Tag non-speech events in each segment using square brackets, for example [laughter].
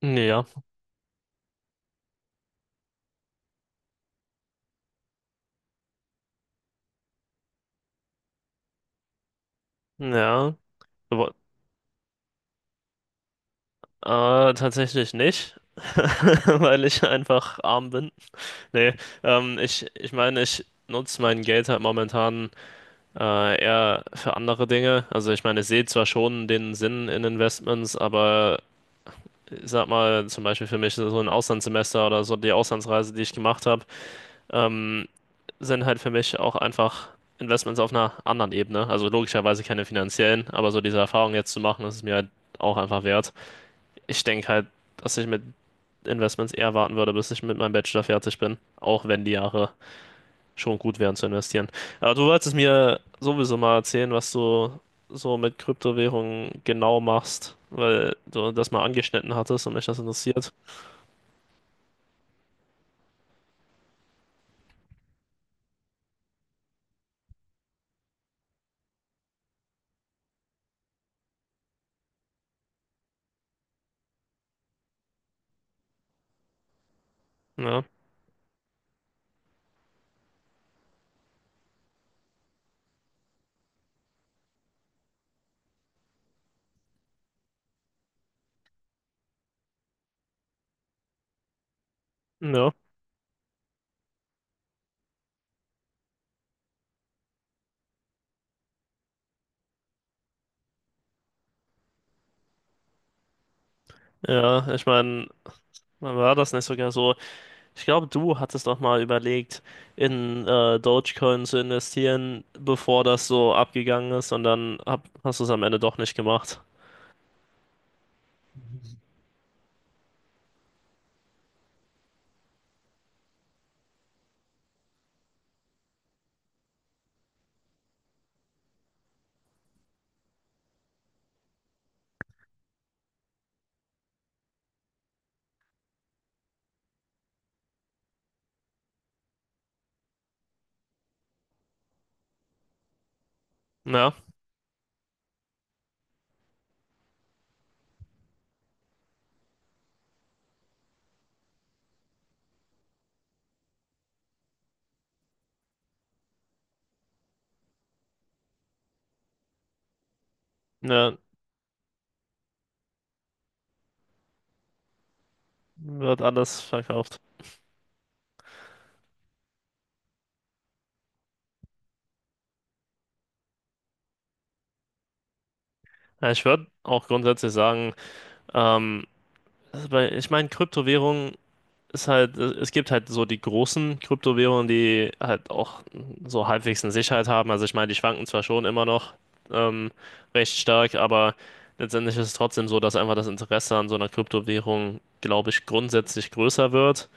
Ja, ja, aber tatsächlich nicht, [laughs] weil ich einfach arm bin. Nee, ich meine, ich nutze mein Geld halt momentan eher für andere Dinge. Also ich meine, ich sehe zwar schon den Sinn in Investments, aber ich sag mal, zum Beispiel für mich so ein Auslandssemester oder so die Auslandsreise, die ich gemacht habe, ähm, sind halt für mich auch einfach Investments auf einer anderen Ebene. Also logischerweise keine finanziellen, aber so diese Erfahrung jetzt zu machen, das ist mir halt auch einfach wert. Ich denke halt, dass ich mit Investments eher warten würde, bis ich mit meinem Bachelor fertig bin. Auch wenn die Jahre schon gut wären zu investieren. Aber du wolltest mir sowieso mal erzählen, was du so mit Kryptowährungen genau machst, weil du das mal angeschnitten hattest und mich das interessiert. Ja, ja, ja. Ich meine, war das nicht sogar so? Ich glaube, du hattest doch mal überlegt, in Dogecoin zu investieren, bevor das so abgegangen ist, und dann hast du es am Ende doch nicht gemacht. Ja? Ja, wird alles verkauft. Ja, ich würde auch grundsätzlich sagen, ähm, ich meine, Kryptowährung ist halt, es gibt halt so die großen Kryptowährungen, die halt auch so halbwegs eine Sicherheit haben. Also ich meine, die schwanken zwar schon immer noch ähm, recht stark, aber letztendlich ist es trotzdem so, dass einfach das Interesse an so einer Kryptowährung, glaube ich, grundsätzlich größer wird.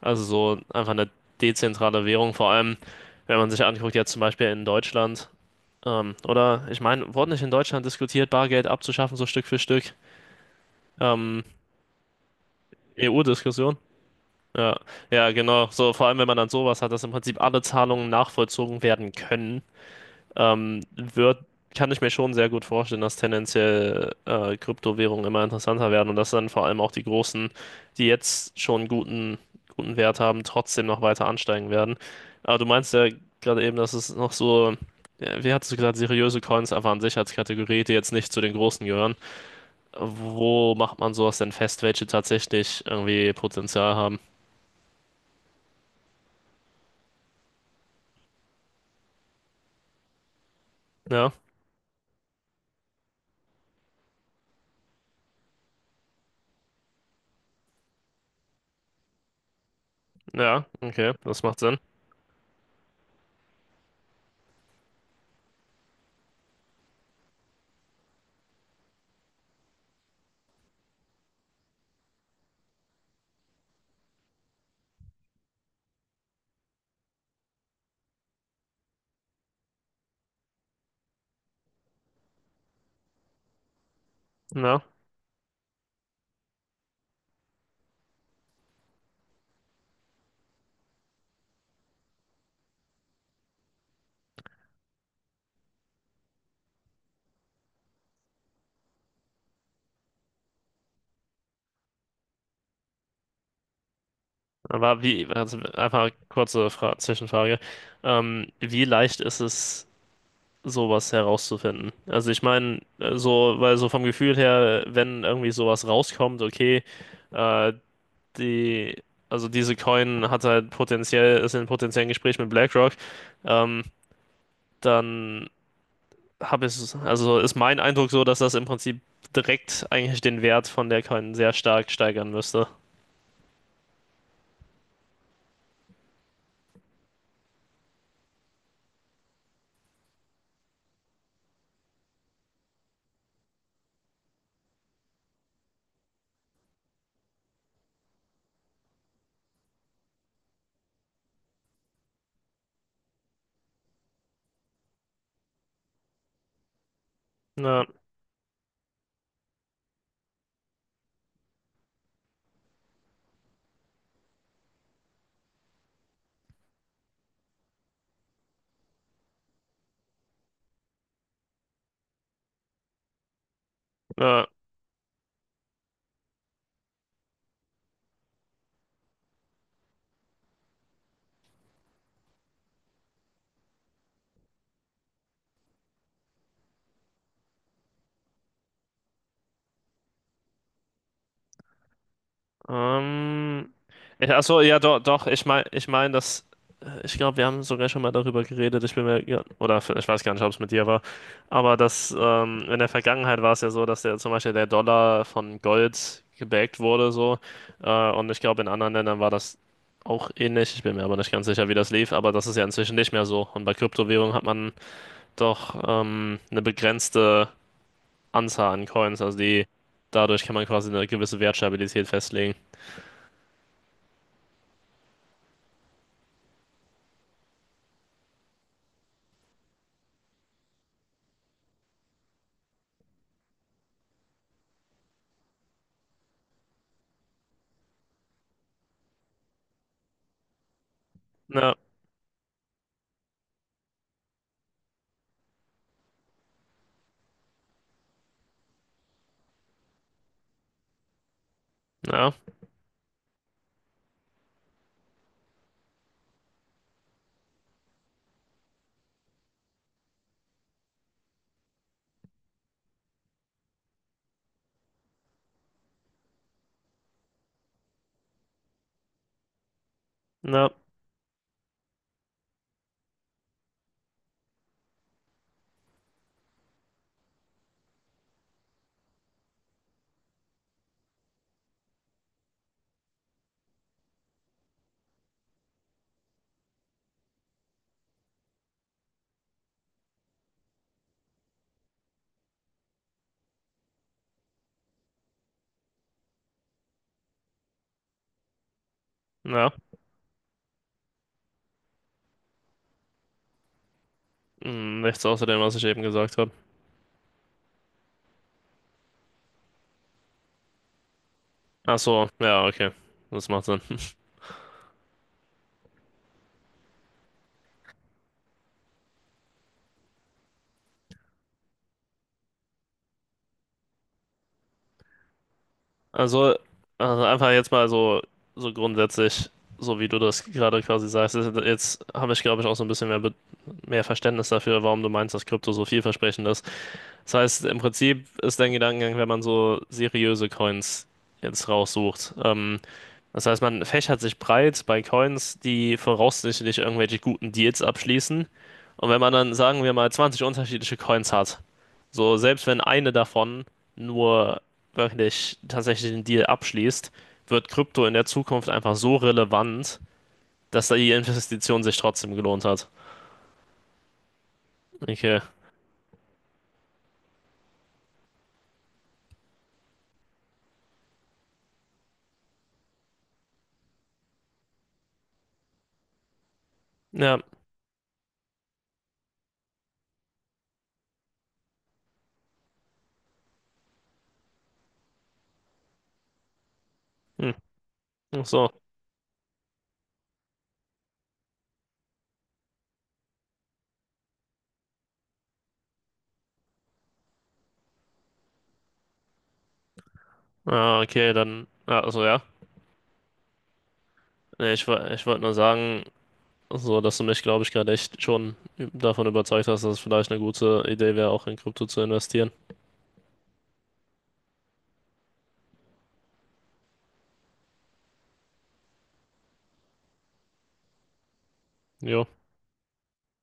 Also so einfach eine dezentrale Währung, vor allem wenn man sich anguckt, jetzt zum Beispiel in Deutschland. Oder ich meine, wurde nicht in Deutschland diskutiert, Bargeld abzuschaffen, so Stück für Stück? Ähm, EU-Diskussion? Ja, ja, genau. So, vor allem, wenn man dann sowas hat, dass im Prinzip alle Zahlungen nachvollzogen werden können, ähm, wird, kann ich mir schon sehr gut vorstellen, dass tendenziell Kryptowährungen immer interessanter werden und dass dann vor allem auch die großen, die jetzt schon guten Wert haben, trotzdem noch weiter ansteigen werden. Aber du meinst ja gerade eben, dass es noch so, ja, wie hattest du gesagt, seriöse Coins einfach an sich als Kategorie, die jetzt nicht zu den großen gehören. Wo macht man sowas denn fest, welche tatsächlich irgendwie Potenzial haben? Ja, ja, okay, das macht Sinn. Ja. Aber wie, also einfach kurze Fra Zwischenfrage. Wie leicht ist es, sowas herauszufinden? Also ich meine, so, weil so vom Gefühl her, wenn irgendwie sowas rauskommt, okay, äh, die, also diese Coin hat halt potenziell, ist in potenziellen Gespräch mit BlackRock, ähm, dann habe ich, also ist mein Eindruck so, dass das im Prinzip direkt eigentlich den Wert von der Coin sehr stark steigern müsste. Ja, ja. Ähm, achso, ja, doch, doch, ich meine, dass, ich glaube, wir haben sogar schon mal darüber geredet, ich bin mir, ja, oder ich weiß gar nicht, ob es mit dir war, aber dass, in der Vergangenheit war es ja so, dass der, zum Beispiel der Dollar von Gold gebackt wurde, so, und ich glaube, in anderen Ländern war das auch ähnlich, ich bin mir aber nicht ganz sicher, wie das lief, aber das ist ja inzwischen nicht mehr so, und bei Kryptowährungen hat man doch, eine begrenzte Anzahl an Coins, also die, dadurch kann man quasi eine gewisse Wertstabilität festlegen. Ja. Ja, ja, ja. Hm, nichts außer dem, was ich eben gesagt habe. Ach so, ja, okay. Das macht Sinn. Also, also einfach jetzt mal so, so grundsätzlich, so wie du das gerade quasi sagst, jetzt habe ich, glaube ich, auch so ein bisschen mehr Verständnis dafür, warum du meinst, dass Krypto so vielversprechend ist. Das heißt, im Prinzip ist dein Gedankengang, wenn man so seriöse Coins jetzt raussucht, das heißt, man fächert sich breit bei Coins, die voraussichtlich irgendwelche guten Deals abschließen. Und wenn man dann, sagen wir mal, 20 unterschiedliche Coins hat, so selbst wenn eine davon nur wirklich tatsächlich den Deal abschließt, wird Krypto in der Zukunft einfach so relevant, dass da die Investition sich trotzdem gelohnt hat. Okay. Ja. Hm. Ach so. Ah, okay, dann. Ah, also ja. Nee, ich, ich wollte nur sagen, so, dass du mich, glaube ich, gerade echt schon davon überzeugt hast, dass es vielleicht eine gute Idee wäre, auch in Krypto zu investieren. Jo.